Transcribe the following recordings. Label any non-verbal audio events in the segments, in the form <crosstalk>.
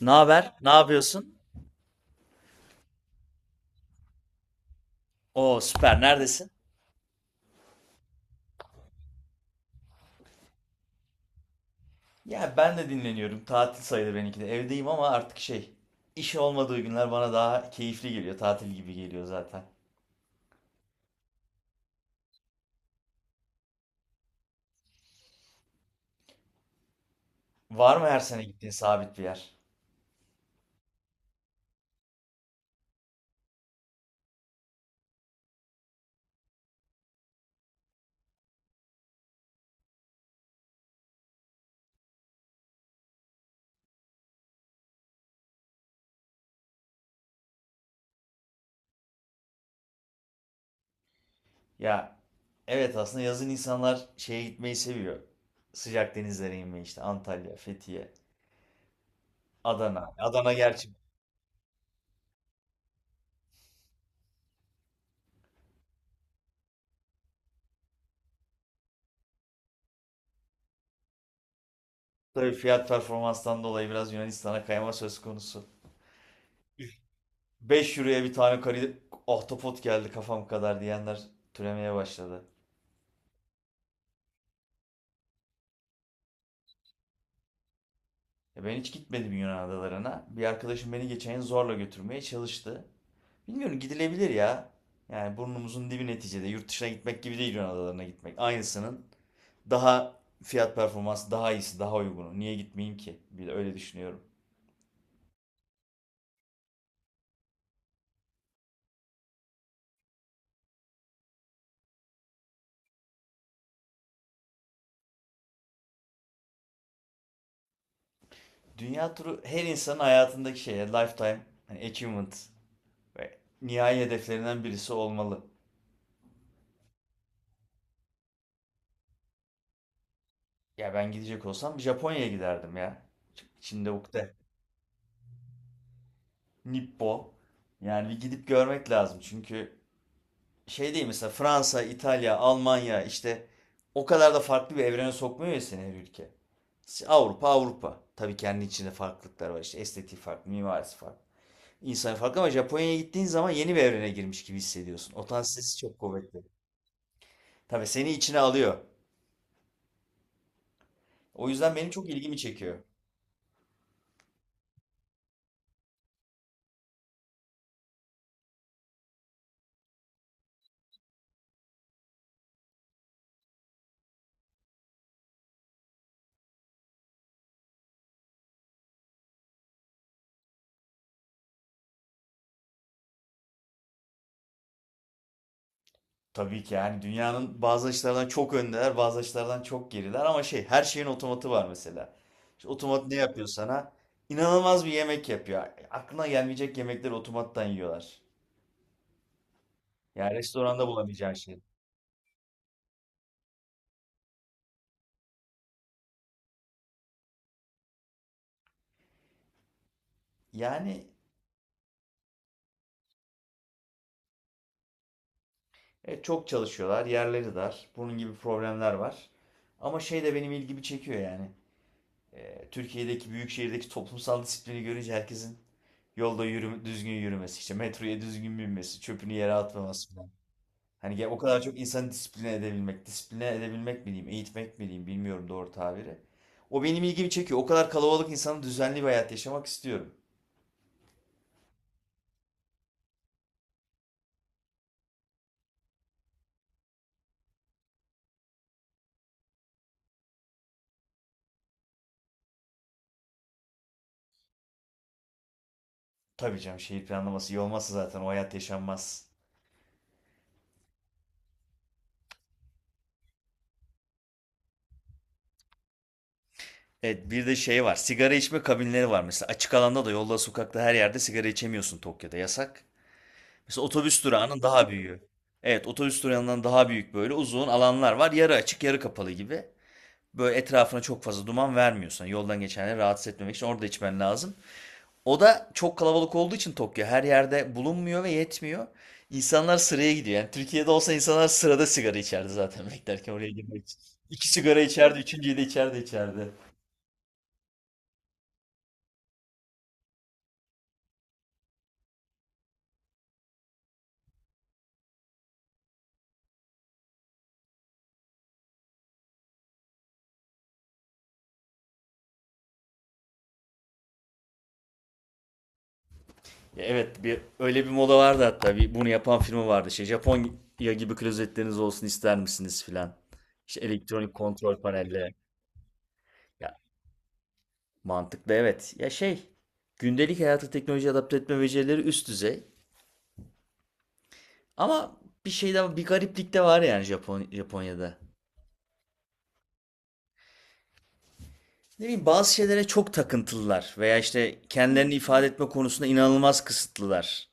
Ne haber? Ne yapıyorsun? Oo süper. Neredesin? Ya ben de dinleniyorum. Tatil sayılır benimki de. Evdeyim ama artık şey, iş olmadığı günler bana daha keyifli geliyor. Tatil gibi geliyor zaten. Var mı her sene gittiğin sabit bir yer? Ya evet aslında yazın insanlar şeye gitmeyi seviyor. Sıcak denizlere inmeyi işte Antalya, Fethiye, Adana. Adana gerçi tabii fiyat performanstan dolayı biraz Yunanistan'a kayma söz konusu. 5 euroya bir tane kari ahtapot geldi kafam kadar diyenler türemeye başladı. Ben hiç gitmedim Yunan adalarına. Bir arkadaşım beni geçen yıl zorla götürmeye çalıştı. Bilmiyorum gidilebilir ya. Yani burnumuzun dibi neticede. Yurt dışına gitmek gibi değil Yunan adalarına gitmek. Aynısının daha fiyat performans daha iyisi, daha uygunu. Niye gitmeyeyim ki? Bir de öyle düşünüyorum. Dünya turu her insanın hayatındaki şey. Lifetime hani achievement ve nihai hedeflerinden birisi olmalı. Ya ben gidecek olsam Japonya'ya giderdim ya. Şimdi ukde. Nippo. Yani bir gidip görmek lazım çünkü şey değil mesela Fransa, İtalya, Almanya işte o kadar da farklı bir evrene sokmuyor ya seni her ülke. İşte Avrupa Avrupa. Tabii kendi içinde farklılıklar var işte estetiği farklı, mimarisi farklı. İnsan farklı ama Japonya'ya gittiğin zaman yeni bir evrene girmiş gibi hissediyorsun. Otantisitesi çok kuvvetli. Tabii seni içine alıyor. O yüzden benim çok ilgimi çekiyor. Tabii ki yani dünyanın bazı açılardan çok öndeler, bazı açılardan çok geriler ama şey her şeyin otomatı var mesela. İşte otomat ne yapıyor sana? İnanılmaz bir yemek yapıyor. Aklına gelmeyecek yemekleri otomattan yiyorlar. Yani restoranda bulamayacağın şey. Yani çok çalışıyorlar, yerleri dar. Bunun gibi problemler var. Ama şey de benim ilgimi çekiyor yani. E, Türkiye'deki büyük şehirdeki toplumsal disiplini görünce herkesin yolda yürüme, düzgün yürümesi, işte metroya düzgün binmesi, çöpünü yere atmaması. Hani ya o kadar çok insanı disipline edebilmek, disipline edebilmek mi diyeyim, eğitmek mi diyeyim bilmiyorum doğru tabiri. O benim ilgimi çekiyor. O kadar kalabalık insanın düzenli bir hayat yaşamak istiyorum. Tabii canım şehir planlaması iyi olmazsa zaten o hayat yaşanmaz. Evet bir de şey var. Sigara içme kabinleri var mesela. Açık alanda da yolda, sokakta her yerde sigara içemiyorsun Tokyo'da. Yasak. Mesela otobüs durağının daha büyüğü. Evet otobüs durağından daha büyük böyle uzun alanlar var. Yarı açık yarı kapalı gibi. Böyle etrafına çok fazla duman vermiyorsan yoldan geçenleri rahatsız etmemek için orada içmen lazım. O da çok kalabalık olduğu için Tokyo her yerde bulunmuyor ve yetmiyor. İnsanlar sıraya gidiyor. Yani Türkiye'de olsa insanlar sırada sigara içerdi zaten <laughs> beklerken oraya girmek için. İki sigara içerdi, üçüncüyü de içerdi içerdi. Ya evet bir öyle bir moda vardı hatta. Bir bunu yapan firma vardı. Şey Japonya gibi klozetleriniz olsun ister misiniz filan. İşte elektronik kontrol panelleri. Ya mantıklı evet. Ya şey gündelik hayata teknoloji adapte etme becerileri üst düzey. Ama bir şey de bir gariplik de var yani Japonya'da. Ne bileyim bazı şeylere çok takıntılılar veya işte kendilerini ifade etme konusunda inanılmaz kısıtlılar.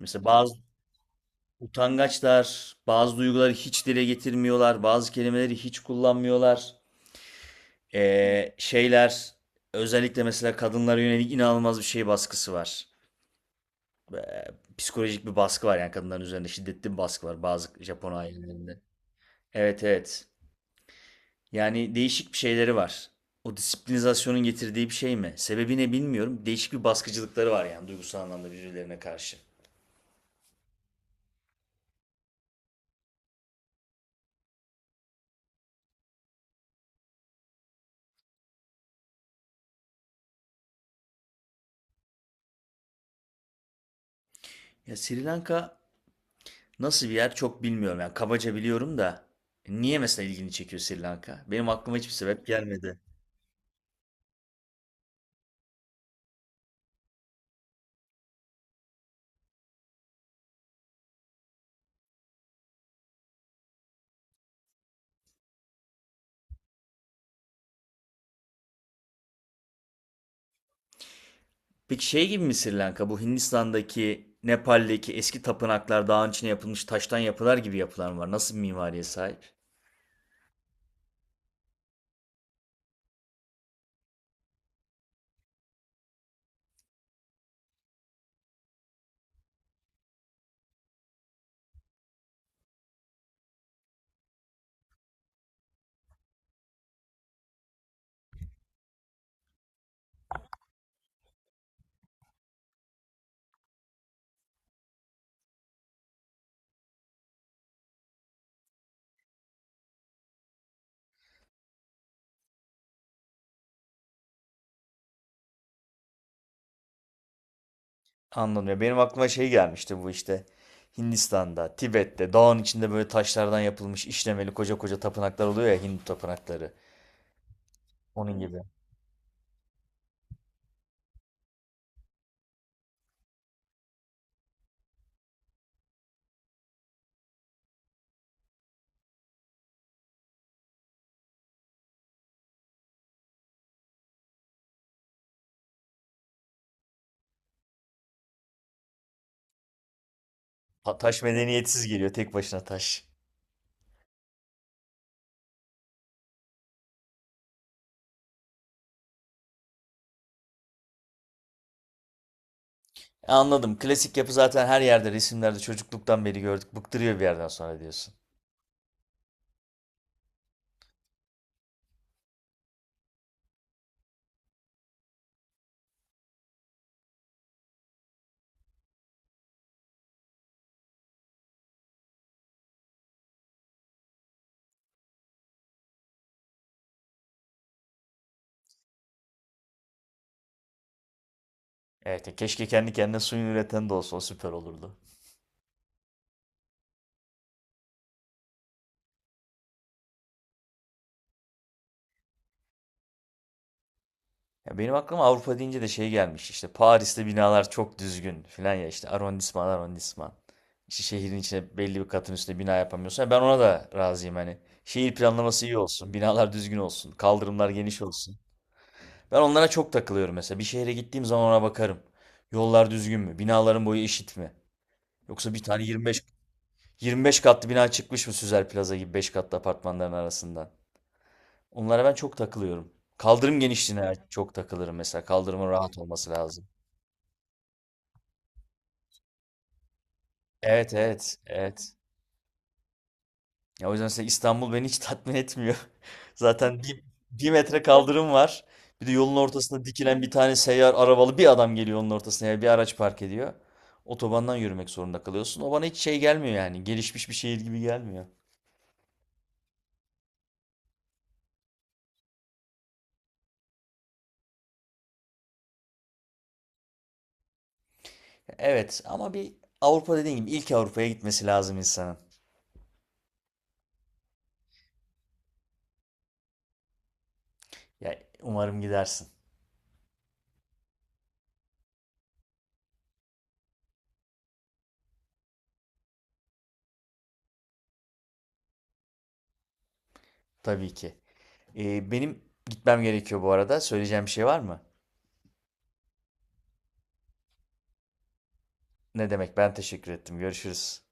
Mesela bazı utangaçlar, bazı duyguları hiç dile getirmiyorlar, bazı kelimeleri hiç kullanmıyorlar. Şeyler özellikle mesela kadınlara yönelik inanılmaz bir şey baskısı var. Psikolojik bir baskı var yani kadınların üzerinde şiddetli bir baskı var bazı Japon ailelerinde. Evet, evet. Yani değişik bir şeyleri var. O disiplinizasyonun getirdiği bir şey mi? Sebebi ne bilmiyorum. Değişik bir baskıcılıkları var yani duygusal anlamda birbirlerine karşı. Ya Sri Lanka nasıl bir yer çok bilmiyorum. Yani kabaca biliyorum da niye mesela ilgini çekiyor Sri Lanka? Benim aklıma hiçbir sebep gelmedi. Peki şey gibi mi Sri Lanka? Bu Hindistan'daki, Nepal'deki eski tapınaklar dağın içine yapılmış taştan yapılar gibi yapılar mı var? Nasıl bir mimariye sahip? Anladım ya. Benim aklıma şey gelmişti bu işte. Hindistan'da, Tibet'te, dağın içinde böyle taşlardan yapılmış işlemeli koca koca tapınaklar oluyor ya Hindu tapınakları. Onun gibi. Taş medeniyetsiz geliyor tek başına taş. Anladım. Klasik yapı zaten her yerde resimlerde çocukluktan beri gördük. Bıktırıyor bir yerden sonra diyorsun. Evet, ya keşke kendi kendine suyunu üreten de olsa o süper olurdu. Ya benim aklıma Avrupa deyince de şey gelmiş. İşte Paris'te binalar çok düzgün filan ya işte arrondisman arrondisman. İşte şehrin içine belli bir katın üstüne bina yapamıyorsun. Ya ben ona da razıyım hani. Şehir planlaması iyi olsun, binalar düzgün olsun, kaldırımlar geniş olsun. Ben onlara çok takılıyorum mesela. Bir şehre gittiğim zaman ona bakarım. Yollar düzgün mü? Binaların boyu eşit mi? Yoksa bir tane yirmi beş katlı bina çıkmış mı Süzer Plaza gibi 5 katlı apartmanların arasından? Onlara ben çok takılıyorum. Kaldırım genişliğine çok takılırım mesela. Kaldırımın rahat olması lazım. Evet, evet, evet. Ya o yüzden mesela İstanbul beni hiç tatmin etmiyor. <laughs> Zaten bir metre kaldırım var. Bir de yolun ortasında dikilen bir tane seyyar arabalı bir adam geliyor onun ortasına ya bir araç park ediyor. Otobandan yürümek zorunda kalıyorsun. O bana hiç şey gelmiyor yani. Gelişmiş bir şehir gibi gelmiyor. Evet ama bir Avrupa dediğin gibi ilk Avrupa'ya gitmesi lazım insanın. Ya umarım gidersin. Tabii ki. Benim gitmem gerekiyor bu arada. Söyleyeceğim bir şey var mı? Ne demek? Ben teşekkür ettim. Görüşürüz.